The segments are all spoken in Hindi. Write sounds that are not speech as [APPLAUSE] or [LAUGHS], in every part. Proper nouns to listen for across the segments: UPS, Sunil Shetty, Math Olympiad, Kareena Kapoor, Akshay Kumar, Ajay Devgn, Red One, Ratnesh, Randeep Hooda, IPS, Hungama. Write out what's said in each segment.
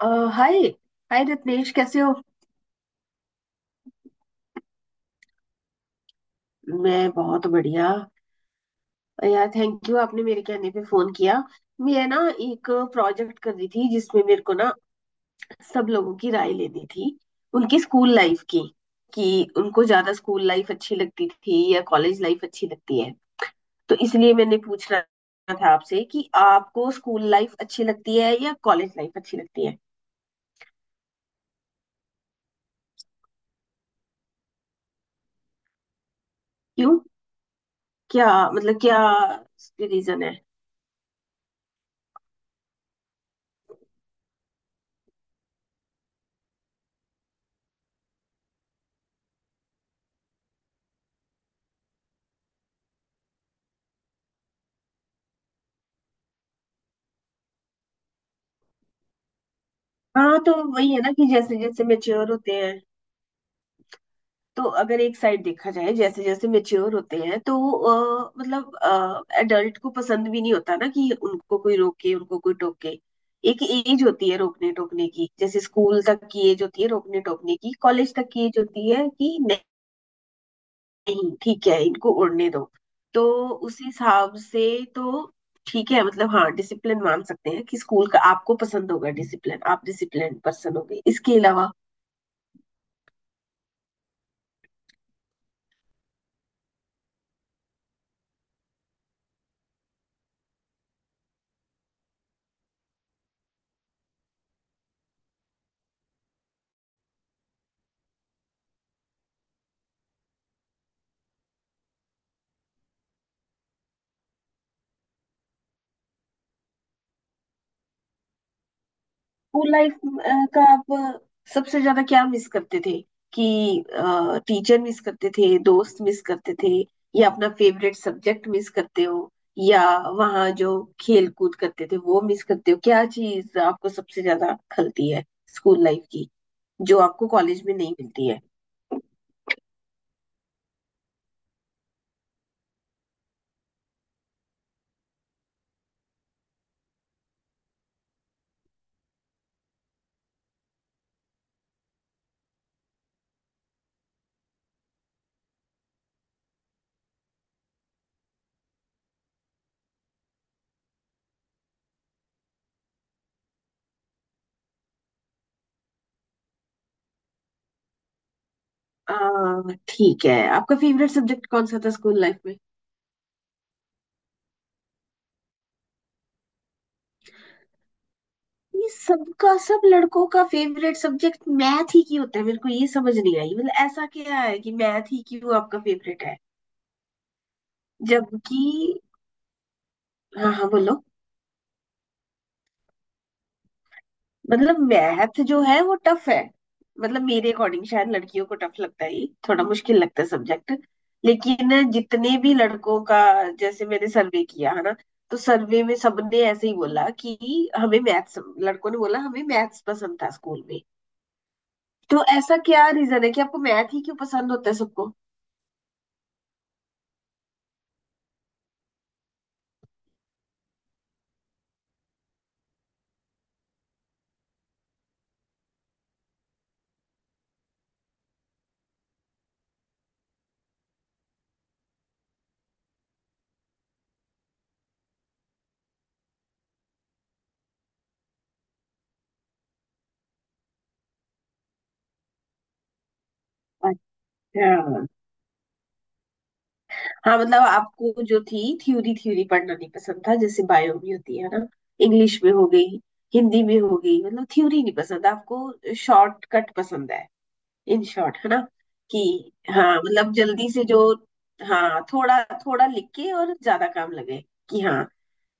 अ, हाय। हाय रत्नेश कैसे हो। मैं बहुत बढ़िया यार। थैंक यू, आपने मेरे कहने पे फोन किया। मैं ना एक प्रोजेक्ट कर रही थी जिसमें मेरे को ना सब लोगों की राय लेनी थी, उनकी स्कूल लाइफ की। कि उनको ज्यादा स्कूल लाइफ अच्छी लगती थी या कॉलेज लाइफ अच्छी लगती है। तो इसलिए मैंने पूछना था आपसे कि आपको स्कूल लाइफ अच्छी लगती है या कॉलेज लाइफ अच्छी लगती है। क्यों? क्या मतलब, क्या रीजन है? हाँ, तो वही है ना कि जैसे जैसे मेच्योर होते हैं। तो अगर एक साइड देखा जाए, जैसे जैसे मेच्योर होते हैं तो मतलब एडल्ट को पसंद भी नहीं होता ना कि उनको कोई रोके, उनको कोई टोके। एक एज होती है रोकने टोकने की, जैसे स्कूल तक की एज होती है रोकने टोकने की, कॉलेज तक की एज होती है कि नहीं। ठीक है, इनको उड़ने दो। तो उस हिसाब से तो ठीक है। मतलब हाँ, डिसिप्लिन मान सकते हैं कि स्कूल का आपको पसंद होगा डिसिप्लिन, आप डिसिप्लिन पर्सन होगे। इसके अलावा स्कूल लाइफ का आप सबसे ज्यादा क्या मिस करते थे? कि टीचर मिस करते थे, दोस्त मिस करते थे, या अपना फेवरेट सब्जेक्ट मिस करते हो, या वहाँ जो खेल कूद करते थे वो मिस करते हो? क्या चीज आपको सबसे ज्यादा खलती है स्कूल लाइफ की, जो आपको कॉलेज में नहीं मिलती है? आ, ठीक है। आपका फेवरेट सब्जेक्ट कौन सा था स्कूल लाइफ में? ये सबका, सब लड़कों का फेवरेट सब्जेक्ट मैथ ही क्यों होता है? मेरे को ये समझ नहीं आई। मतलब ऐसा क्या है कि मैथ ही क्यों आपका फेवरेट है? जबकि हाँ हाँ बोलो। मतलब मैथ जो है वो टफ है। मतलब मेरे अकॉर्डिंग शायद लड़कियों को टफ लगता है, ये थोड़ा मुश्किल लगता है सब्जेक्ट। लेकिन जितने भी लड़कों का, जैसे मैंने सर्वे किया है ना, तो सर्वे में सबने ऐसे ही बोला कि हमें मैथ्स, लड़कों ने बोला, हमें मैथ्स पसंद था स्कूल में। तो ऐसा क्या रीजन है कि आपको मैथ ही क्यों पसंद होता है सबको? अच्छा। हाँ, मतलब आपको जो थी थ्योरी, थ्योरी पढ़ना नहीं पसंद था, जैसे बायो भी होती है ना। इंग्लिश में हो गई, हिंदी में हो गई। मतलब थ्योरी नहीं पसंद आपको, शॉर्टकट पसंद है। इन शॉर्ट है ना कि हाँ, मतलब जल्दी से जो। हाँ, थोड़ा थोड़ा लिख के और ज्यादा काम लगे कि हाँ।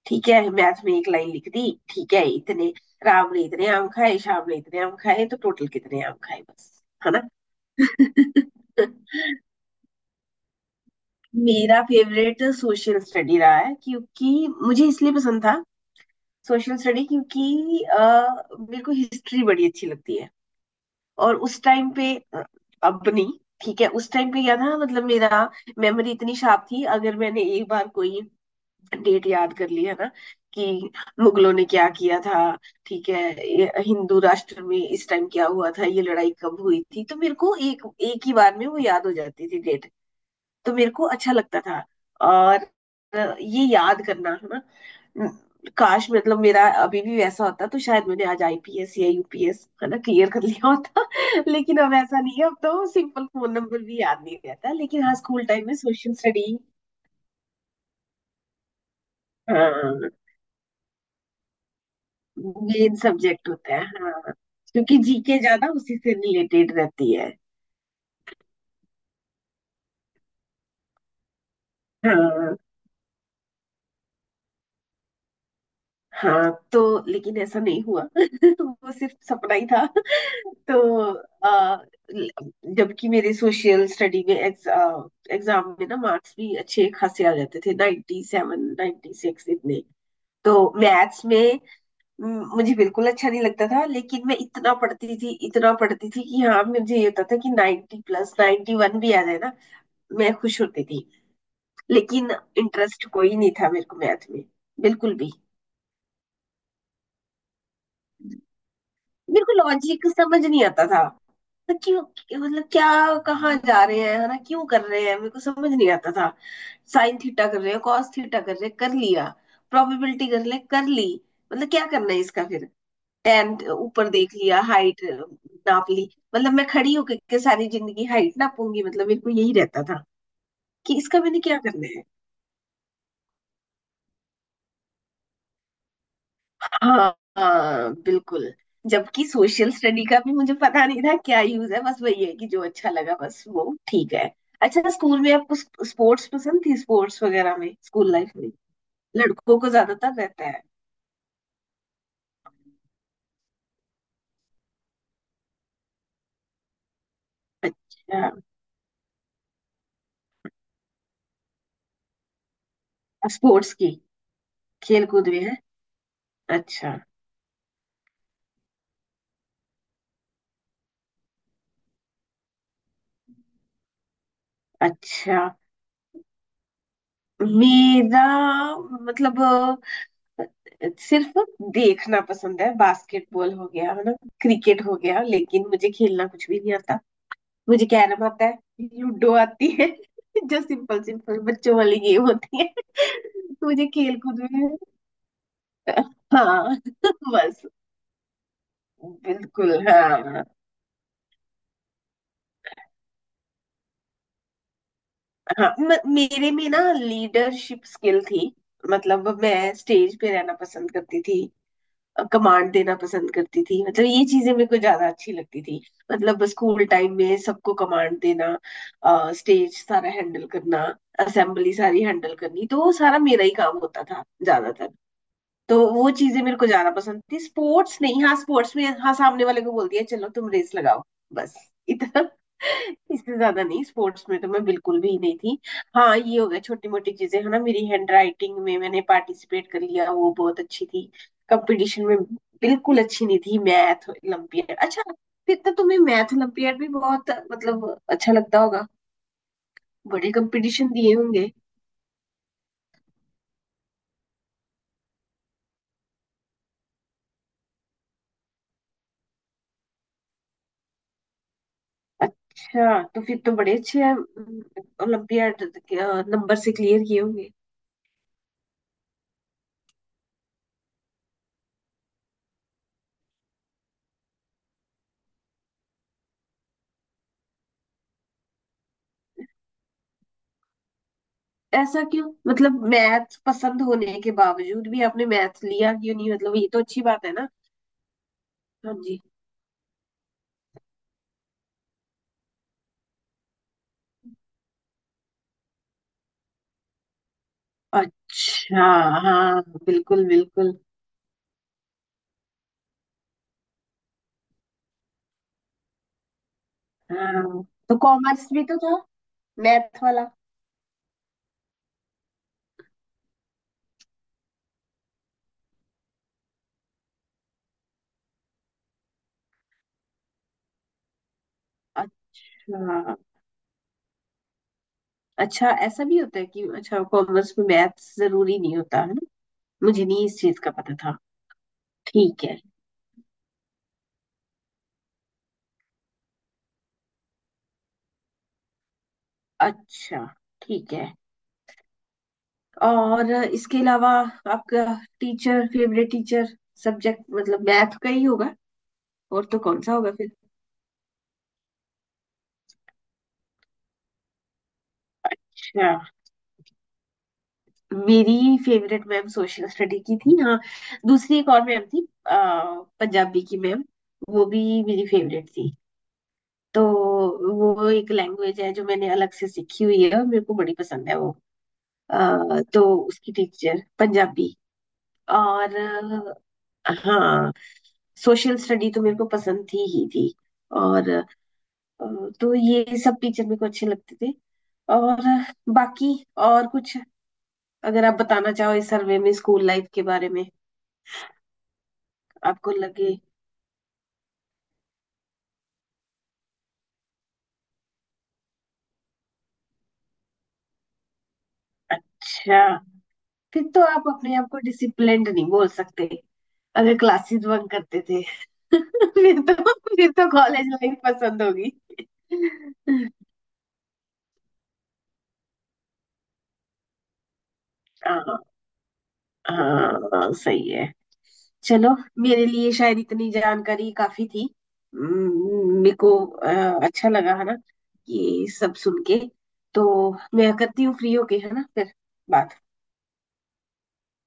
ठीक है, मैथ में एक लाइन लिख दी। ठीक है, इतने राम ने इतने आम खाए, श्याम ने इतने आम खाए, तो टोटल कितने आम खाए, बस है ना। [LAUGHS] मेरा फेवरेट सोशल स्टडी रहा है। क्योंकि मुझे इसलिए पसंद था सोशल स्टडी, क्योंकि मेरे को हिस्ट्री बड़ी अच्छी लगती है। और उस टाइम पे अपनी, ठीक है, उस टाइम पे क्या था मतलब, मेरा मेमोरी इतनी शार्प थी, अगर मैंने एक बार कोई डेट याद कर ली है ना कि मुगलों ने क्या किया था, ठीक है, ये हिंदू राष्ट्र में इस टाइम क्या हुआ था, ये लड़ाई कब हुई थी, तो मेरे को एक एक ही बार में वो याद हो जाती थी। तो मेरे को अच्छा लगता था। और ये याद करना है ना, न- काश मतलब मेरा अभी भी वैसा होता तो शायद मैंने आज आईपीएस या यूपीएस है ना क्लियर कर लिया होता। [LAUGHS] लेकिन अब ऐसा नहीं है, अब तो सिंपल फोन नंबर भी याद नहीं रहता। लेकिन हाँ, स्कूल टाइम में सोशल स्टडी। हाँ मेन सब्जेक्ट होता है हाँ। क्योंकि जीके ज्यादा उसी से रिलेटेड रहती है। हाँ। हाँ तो लेकिन ऐसा नहीं हुआ। [LAUGHS] वो सिर्फ सपना ही था। [LAUGHS] तो अ, जबकि मेरे सोशल स्टडी में एग्जाम में ना मार्क्स भी अच्छे खासे आ जाते थे, 97, सेवन नाइन्टी सिक्स इतने। तो मैथ्स में म, मुझे बिल्कुल अच्छा नहीं लगता था, लेकिन मैं इतना पढ़ती थी, इतना पढ़ती थी कि हाँ मुझे ये होता था कि 90 प्लस 91 भी आ जाए ना, मैं खुश होती थी। लेकिन इंटरेस्ट कोई नहीं था मेरे को मैथ में, बिल्कुल भी। मेरे को लॉजिक समझ नहीं आता था। तो क्यों, मतलब क्या, कहाँ जा रहे हैं है ना, क्यों कर रहे हैं, मेरे को समझ नहीं आता था। साइन थीटा कर रहे हैं, cos थीटा कर रहे हैं, कर लिया। प्रोबेबिलिटी कर ले, कर ली। मतलब क्या करना है इसका फिर? टेन ऊपर देख लिया, हाइट नाप ली। मतलब मैं खड़ी होके के सारी जिंदगी हाइट नापूंगी? मतलब मेरे को यही रहता था कि इसका मैंने क्या करना है। हाँ हाँ बिल्कुल। जबकि सोशल स्टडी का भी मुझे पता नहीं था क्या यूज है, बस वही है कि जो अच्छा लगा बस वो ठीक है। अच्छा, स्कूल में आपको स्पोर्ट्स पसंद थी, स्पोर्ट्स वगैरह में स्कूल लाइफ में? लड़कों को ज्यादातर रहता है। अच्छा। स्पोर्ट्स की, खेल कूद में है। अच्छा। अच्छा। मेरा मतलब अ, सिर्फ देखना पसंद है। बास्केटबॉल हो गया है ना, क्रिकेट हो गया, लेकिन मुझे खेलना कुछ भी नहीं आता। मुझे क्या ना पता है, लूडो आती है [LAUGHS] जो सिंपल सिंपल बच्चों वाली गेम होती है। [LAUGHS] मुझे खेल कूद में, हाँ [LAUGHS] बस, बिल्कुल हाँ। हाँ मेरे में ना लीडरशिप स्किल थी। मतलब मैं स्टेज पे रहना पसंद करती थी, कमांड देना पसंद करती थी। मतलब ये चीजें मेरे को ज्यादा अच्छी लगती थी। मतलब स्कूल टाइम में सबको कमांड देना, स्टेज सारा हैंडल करना, असेंबली सारी हैंडल करनी, तो वो सारा मेरा ही काम होता था ज्यादातर। तो वो चीजें मेरे को ज्यादा पसंद थी, स्पोर्ट्स नहीं। हाँ स्पोर्ट्स में हाँ, सामने वाले को बोल दिया चलो तुम रेस लगाओ, बस इतना। इससे ज्यादा नहीं, स्पोर्ट्स में तो मैं बिल्कुल भी नहीं थी। हाँ ये हो गया छोटी मोटी चीजें है ना, मेरी हैंड राइटिंग में मैंने पार्टिसिपेट कर लिया, वो बहुत अच्छी थी। कंपटीशन में बिल्कुल अच्छी नहीं थी। मैथ ओलम्पियड, अच्छा। फिर तो तुम्हें मैथ ओलम्पियड भी बहुत मतलब अच्छा लगता होगा, बड़े कंपटीशन दिए होंगे। अच्छा, तो फिर तो बड़े अच्छे हैं ओलंपियाड नंबर से क्लियर किए होंगे। ऐसा क्यों? मतलब मैथ पसंद होने के बावजूद भी आपने मैथ लिया क्यों नहीं? मतलब ये तो अच्छी बात है ना। हाँ जी। अच्छा। हाँ बिल्कुल बिल्कुल। हाँ, तो कॉमर्स भी तो था, मैथ वाला। अच्छा, अच्छा, ऐसा भी होता है कि, अच्छा, कॉमर्स में मैथ जरूरी नहीं होता है ना, मुझे नहीं इस चीज का पता था। ठीक है। अच्छा, ठीक है। और इसके अलावा आपका टीचर, फेवरेट टीचर सब्जेक्ट मतलब मैथ का ही होगा, और तो कौन सा होगा फिर। अच्छा। मेरी फेवरेट मैम सोशल स्टडी की थी हाँ। दूसरी एक और मैम थी, पंजाबी की मैम, वो भी मेरी फेवरेट थी। तो वो एक लैंग्वेज है जो मैंने अलग से सीखी हुई है और मेरे को बड़ी पसंद है वो। तो उसकी टीचर पंजाबी। और हाँ, सोशल स्टडी तो मेरे को पसंद थी ही थी। और अ, तो ये सब टीचर मेरे को अच्छे लगते थे। और बाकी और कुछ अगर आप बताना चाहो इस सर्वे में स्कूल लाइफ के बारे में, आपको लगे। अच्छा। फिर तो आप अपने आप को डिसिप्लिन्ड नहीं बोल सकते अगर क्लासेस बंक करते थे। [LAUGHS] फिर तो, फिर तो कॉलेज लाइफ पसंद होगी। [LAUGHS] हाँ, हाँ सही है। चलो, मेरे लिए शायद इतनी जानकारी काफी थी। मेरे को अच्छा लगा है ना ये सब सुन के। तो मैं करती हूँ फ्री होके है ना फिर बात।